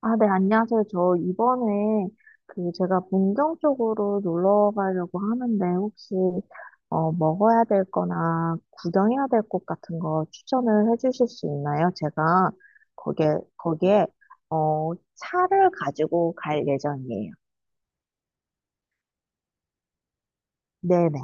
아, 네, 안녕하세요. 저 이번에 그 제가 문경 쪽으로 놀러 가려고 하는데 혹시 먹어야 될 거나 구경해야 될 곳 같은 거 추천을 해 주실 수 있나요? 제가 거기에 차를 가지고 갈 예정이에요. 네네.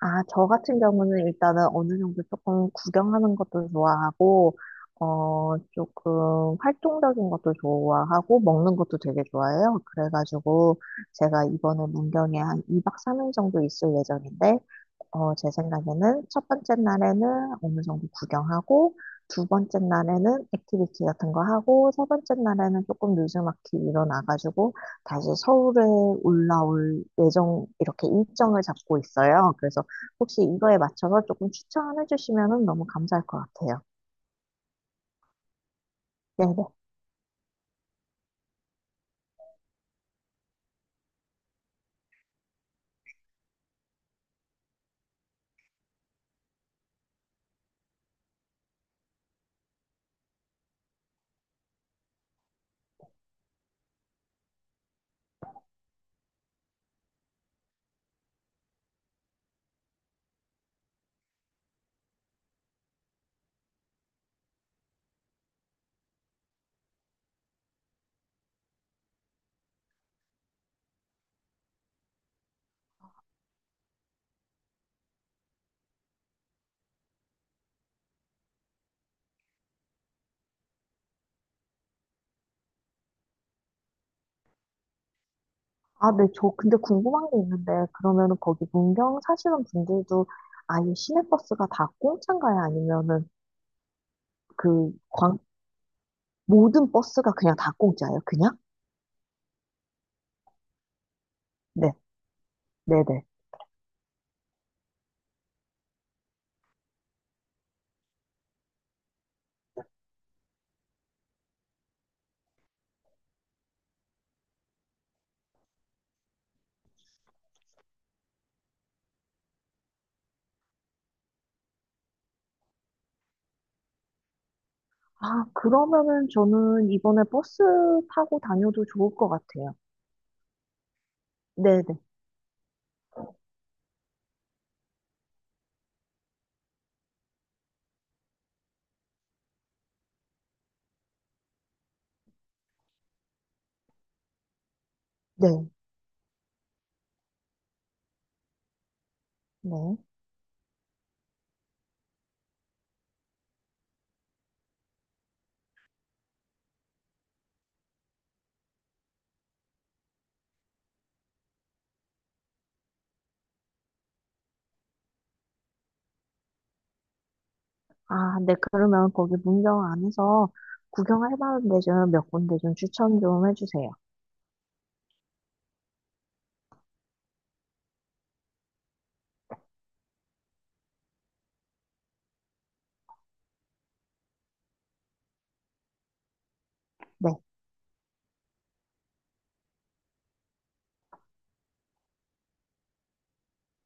아, 저 같은 경우는 일단은 어느 정도 조금 구경하는 것도 좋아하고, 조금 활동적인 것도 좋아하고, 먹는 것도 되게 좋아해요. 그래가지고, 제가 이번에 문경에 한 2박 3일 정도 있을 예정인데, 제 생각에는 첫 번째 날에는 어느 정도 구경하고, 두 번째 날에는 액티비티 같은 거 하고, 세 번째 날에는 조금 느즈막히 일어나가지고, 다시 서울에 올라올 예정, 이렇게 일정을 잡고 있어요. 그래서 혹시 이거에 맞춰서 조금 추천해 주시면 너무 감사할 것 같아요. 네네. 아, 네, 저 근데 궁금한 게 있는데, 그러면은 거기 문경 사시는 분들도 아예 시내버스가 다 공짜인가요? 아니면은 그 모든 버스가 그냥 다 공짜예요? 그냥? 네, 네네. 아, 그러면은 저는 이번에 버스 타고 다녀도 좋을 것 같아요. 네네. 네, 네. 아, 네, 그러면 거기 문경 안에서 구경할 만한 데 좀 몇 군데 좀 추천 좀 해주세요. 네,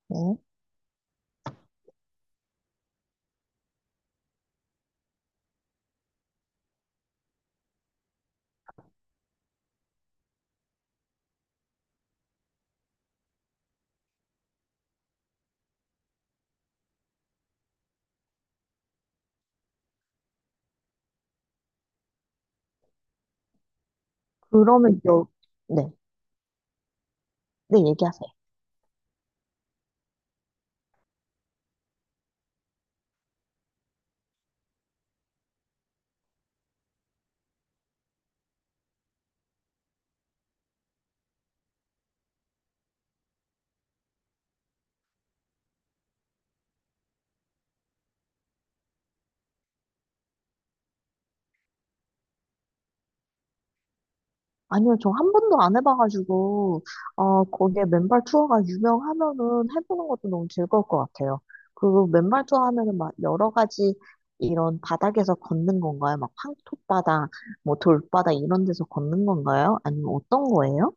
네. 그러면 여, 네, 네, 얘기하세요. 아니요, 저 한 번도 안 해봐가지고, 거기에 맨발 투어가 유명하면은 해보는 것도 너무 즐거울 것 같아요. 그 맨발 투어 하면은 막 여러 가지 이런 바닥에서 걷는 건가요? 막 황토바닥, 뭐 돌바닥 이런 데서 걷는 건가요? 아니면 어떤 거예요?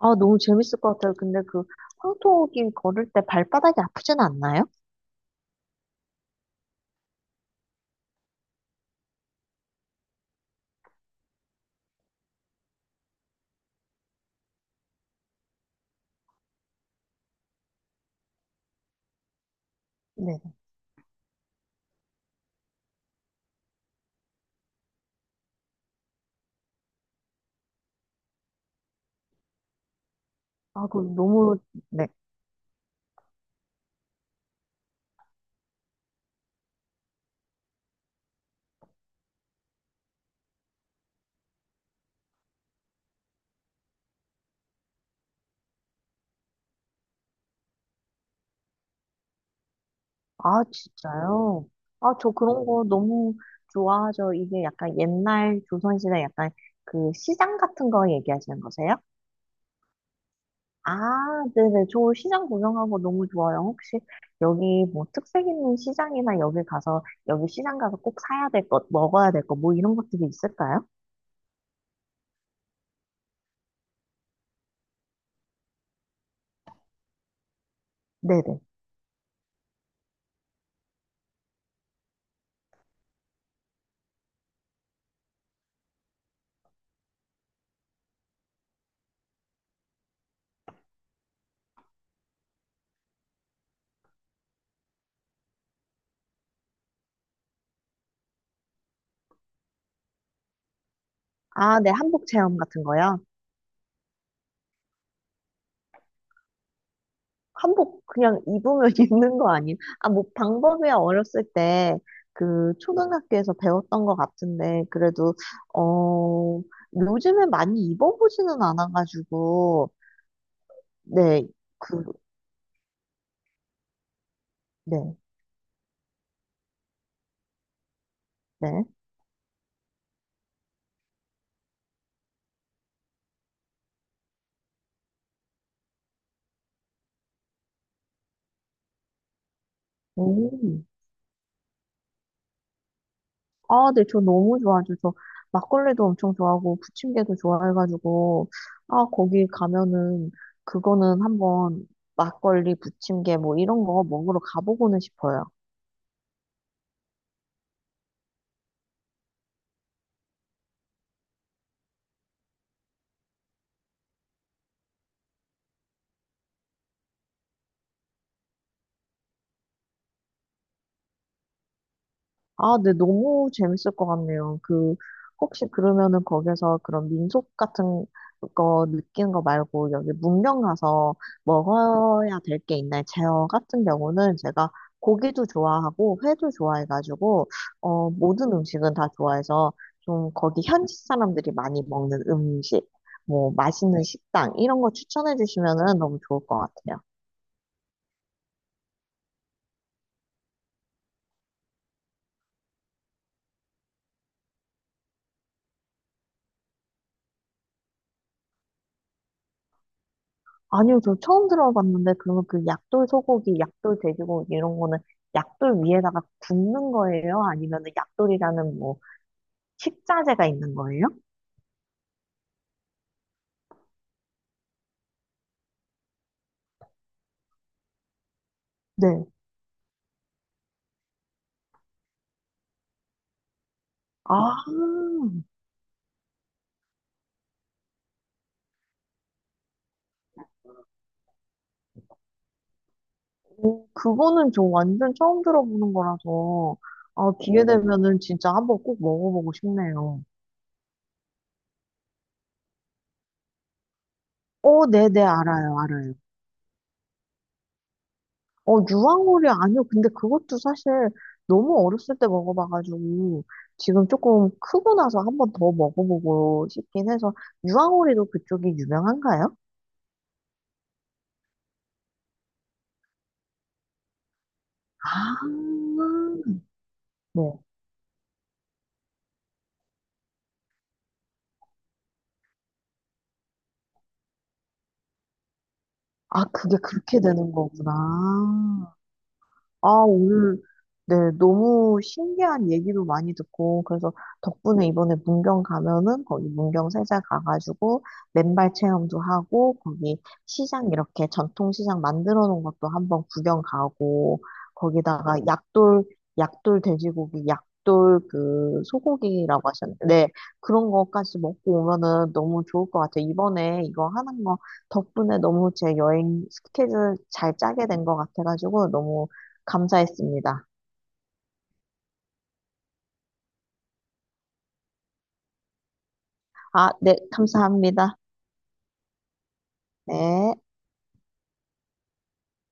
아, 너무 재밌을 것 같아요. 근데 그 황토길 걸을 때 발바닥이 아프진 않나요? 네. 아, 그 너무, 네. 아, 진짜요? 아, 저 그런 네. 거 너무 좋아하죠. 이게 약간 옛날 조선시대 약간 그 시장 같은 거 얘기하시는 거세요? 아, 네네. 저 시장 구경하고 너무 좋아요. 혹시 여기 뭐 특색 있는 시장이나 여기 가서, 여기 시장 가서 꼭 사야 될 것, 먹어야 될 것, 뭐 이런 것들이 있을까요? 네네. 아, 네. 한복 체험 같은 거요? 한복 그냥 입으면 입는 거 아니에요? 아, 뭐 방법이야 어렸을 때 그 초등학교에서 배웠던 것 같은데 그래도 어 요즘에 많이 입어보지는 않아가지고 네, 그, 네, 네. 오. 아, 네, 저 너무 좋아하죠. 저 막걸리도 엄청 좋아하고 부침개도 좋아해가지고 아, 거기 가면은 그거는 한번 막걸리, 부침개 뭐 이런 거 먹으러 가보고는 싶어요. 아, 네, 너무 재밌을 것 같네요. 그, 혹시 그러면은 거기서 그런 민속 같은 거 느끼는 거 말고 여기 문명 가서 먹어야 될 게 있나요? 제어 같은 경우는 제가 고기도 좋아하고 회도 좋아해가지고, 모든 음식은 다 좋아해서 좀 거기 현지 사람들이 많이 먹는 음식, 뭐 맛있는 식당, 이런 거 추천해 주시면은 너무 좋을 것 같아요. 아니요, 저 처음 들어봤는데, 그러면 그 약돌 소고기, 약돌 돼지고기 이런 거는 약돌 위에다가 굽는 거예요? 아니면 약돌이라는 뭐 식자재가 있는 거예요? 네. 아, 그거는 저 완전 처음 들어보는 거라서, 아, 기회 되면은 진짜 한번 꼭 먹어보고 싶네요. 어, 네네, 알아요, 알아요. 어, 유황오리 아니요. 근데 그것도 사실 너무 어렸을 때 먹어봐가지고 지금 조금 크고 나서 한번 더 먹어보고 싶긴 해서 유황오리도 그쪽이 유명한가요? 아, 네. 아, 그게 그렇게 되는 거구나. 아, 오늘, 네, 너무 신기한 얘기도 많이 듣고, 그래서 덕분에 이번에 문경 가면은 거기 문경 세자 가가지고 맨발 체험도 하고, 거기 시장 이렇게 전통시장 만들어 놓은 것도 한번 구경 가고, 거기다가 약돌, 약돌 돼지고기, 약돌 그 소고기라고 하셨는데, 네, 그런 거까지 먹고 오면은 너무 좋을 것 같아요. 이번에 이거 하는 거 덕분에 너무 제 여행 스케줄 잘 짜게 된 것 같아가지고, 너무 감사했습니다. 아, 네, 감사합니다. 네.